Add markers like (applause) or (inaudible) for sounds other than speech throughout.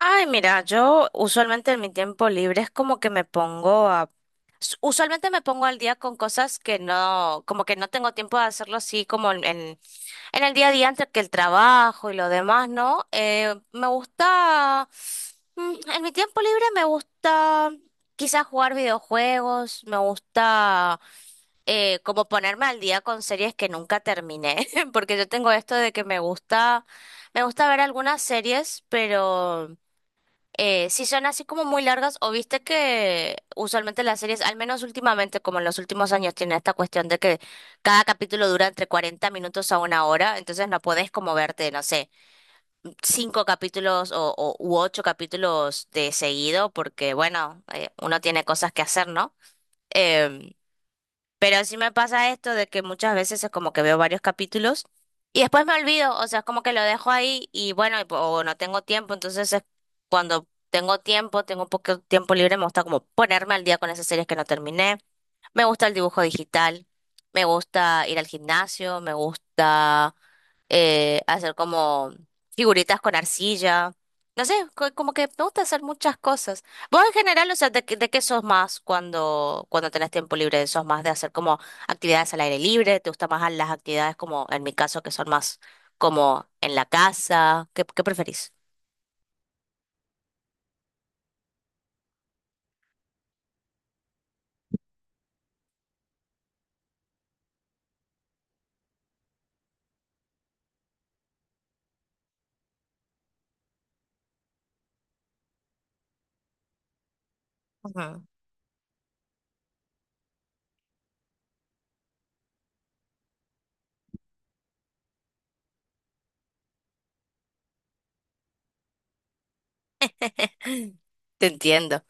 Ay, mira, yo usualmente en mi tiempo libre es como que me pongo a... Usualmente me pongo al día con cosas que no, como que no tengo tiempo de hacerlo así como en el día a día antes que el trabajo y lo demás, ¿no? Me gusta, en mi tiempo libre me gusta quizás jugar videojuegos, me gusta como ponerme al día con series que nunca terminé, (laughs) porque yo tengo esto de que me gusta ver algunas series, pero... si son así como muy largas, o viste que usualmente las series, al menos últimamente, como en los últimos años, tiene esta cuestión de que cada capítulo dura entre 40 minutos a 1 hora, entonces no podés como verte, no sé, cinco capítulos u ocho capítulos de seguido, porque bueno, uno tiene cosas que hacer, ¿no? Em, pero sí me pasa esto de que muchas veces es como que veo varios capítulos y después me olvido, o sea, es como que lo dejo ahí y bueno, o no tengo tiempo, entonces es cuando tengo tiempo, tengo un poco de tiempo libre, me gusta como ponerme al día con esas series que no terminé. Me gusta el dibujo digital, me gusta ir al gimnasio, me gusta hacer como figuritas con arcilla. No sé, como que me gusta hacer muchas cosas. Vos en general, o sea, ¿ de qué sos más cuando tenés tiempo libre? ¿Sos más de hacer como actividades al aire libre? ¿Te gustan más las actividades como, en mi caso, que son más como en la casa? ¿Qué, qué preferís? Ujú. Te entiendo.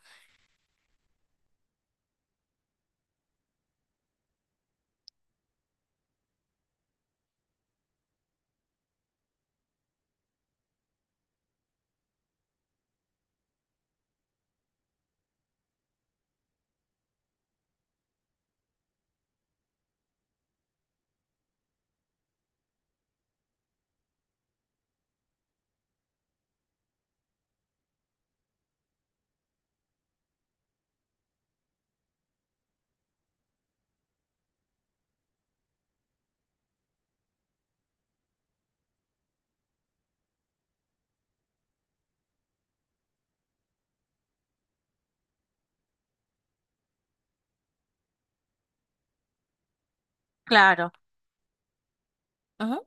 Claro. Ujú,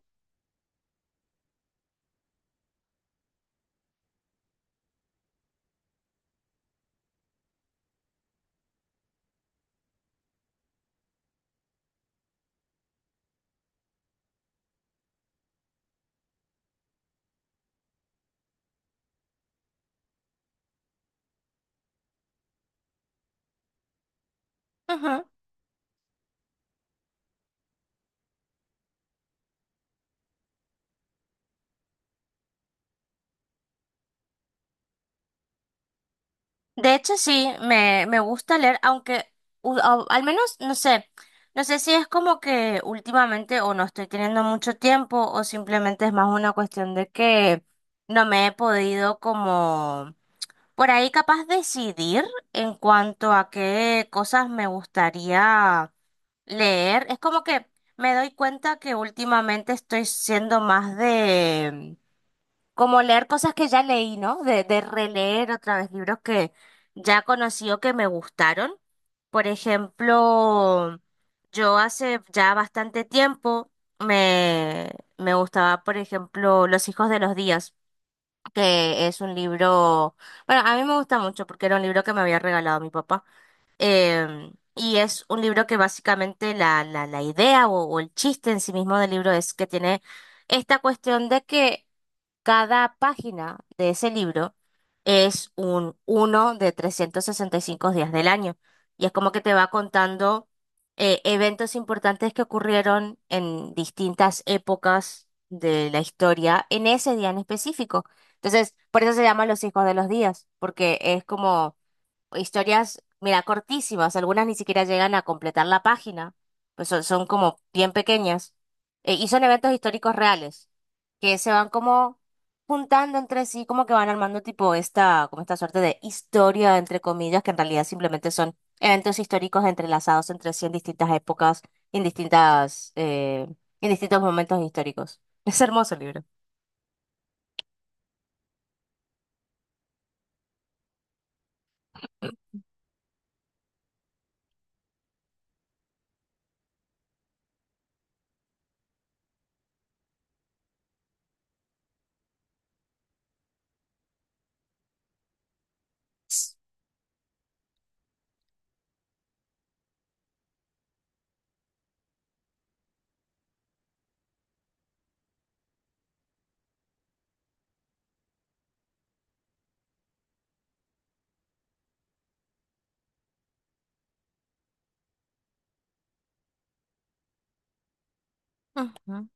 ujú. De hecho, sí, me gusta leer, aunque al menos, no sé, no sé si es como que últimamente o no estoy teniendo mucho tiempo o simplemente es más una cuestión de que no me he podido como por ahí capaz decidir en cuanto a qué cosas me gustaría leer. Es como que me doy cuenta que últimamente estoy siendo más como leer cosas que ya leí, ¿no? De releer otra vez libros que ya conocí o que me gustaron. Por ejemplo, yo hace ya bastante tiempo me, me gustaba, por ejemplo, Los hijos de los días, que es un libro, bueno, a mí me gusta mucho porque era un libro que me había regalado mi papá. Y es un libro que básicamente la idea o el chiste en sí mismo del libro es que tiene esta cuestión de que cada página de ese libro es un uno de 365 días del año. Y es como que te va contando eventos importantes que ocurrieron en distintas épocas de la historia en ese día en específico. Entonces, por eso se llama Los Hijos de los Días, porque es como historias, mira, cortísimas, algunas ni siquiera llegan a completar la página, pues son como bien pequeñas, y son eventos históricos reales, que se van como juntando entre sí, como que van armando tipo esta, como esta suerte de historia, entre comillas, que en realidad simplemente son eventos históricos entrelazados entre sí en distintas épocas, en en distintos momentos históricos. (laughs) Es hermoso el libro. Ujú,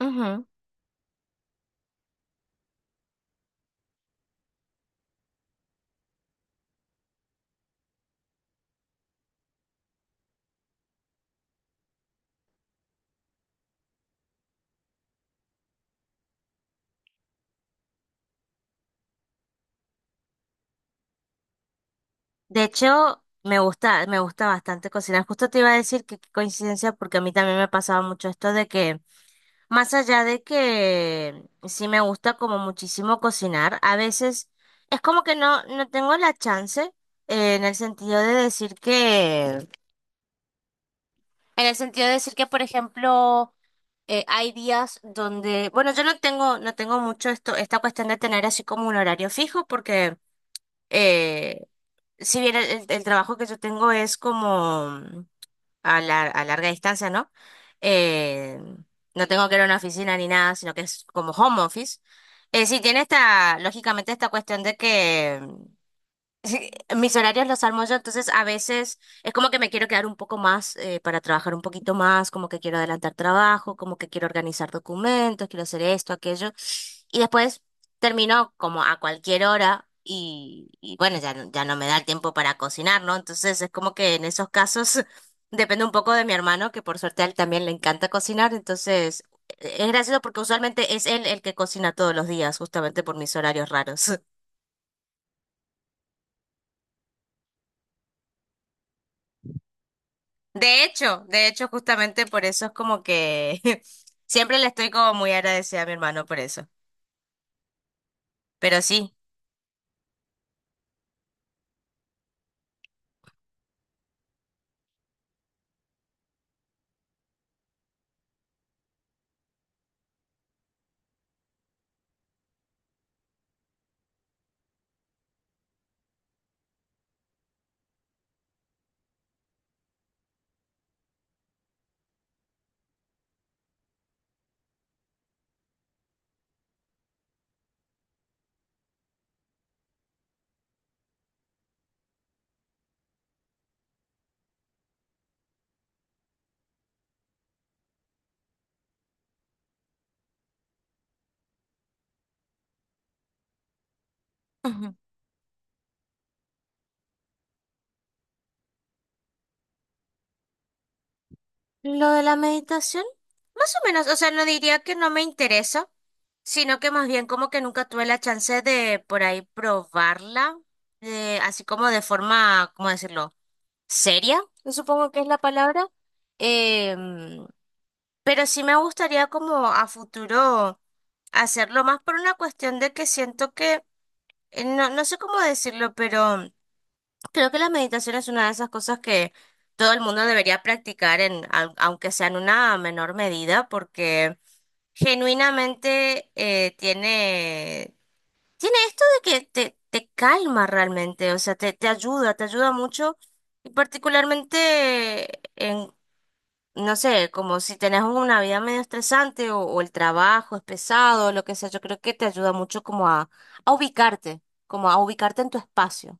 ujú. De hecho, me gusta bastante cocinar. Justo te iba a decir que qué coincidencia, porque a mí también me pasaba mucho esto de que, más allá de que sí me gusta como muchísimo cocinar, a veces es como que no, no tengo la chance, en el sentido de decir que, en el sentido de decir que, por ejemplo, hay días donde, bueno, yo no tengo, no tengo mucho esto, esta cuestión de tener así como un horario fijo, porque eh, si bien el trabajo que yo tengo es como a larga distancia, ¿no? Eh, no tengo que ir a una oficina ni nada, sino que es como home office. Sí, tiene esta, lógicamente, esta cuestión de que sí, mis horarios los armo yo, entonces a veces es como que me quiero quedar un poco más para trabajar un poquito más, como que quiero adelantar trabajo, como que quiero organizar documentos, quiero hacer esto, aquello. Y después termino como a cualquier hora y bueno, ya, ya no me da el tiempo para cocinar, ¿no? Entonces es como que en esos casos (laughs) depende un poco de mi hermano, que por suerte a él también le encanta cocinar, entonces es gracioso porque usualmente es él el que cocina todos los días, justamente por mis horarios raros. (laughs) De hecho, justamente por eso es como que (laughs) siempre le estoy como muy agradecida a mi hermano por eso. Pero sí. Ujú. Lo de la meditación, más o menos, o sea, no diría que no me interesa, sino que más bien como que nunca tuve la chance de por ahí probarla, así como de forma, ¿cómo decirlo? Seria, supongo que es la palabra. Em, pero sí me gustaría como a futuro hacerlo más por una cuestión de que siento que no, no sé cómo decirlo, pero creo que la meditación es una de esas cosas que todo el mundo debería practicar en, aunque sea en una menor medida, porque genuinamente tiene, tiene esto de que te calma realmente, o sea, te ayuda, te ayuda mucho, y particularmente en, no sé, como si tenés una vida medio estresante o el trabajo es pesado, lo que sea, yo creo que te ayuda mucho como a ubicarte como a ubicarte en tu espacio.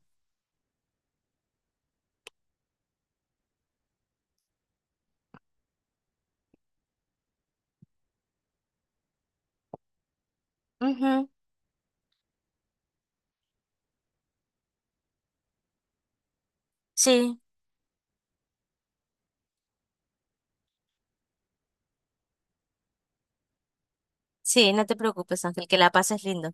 Ujú. Sí, sí, no te preocupes, Ángel, que la pases lindo.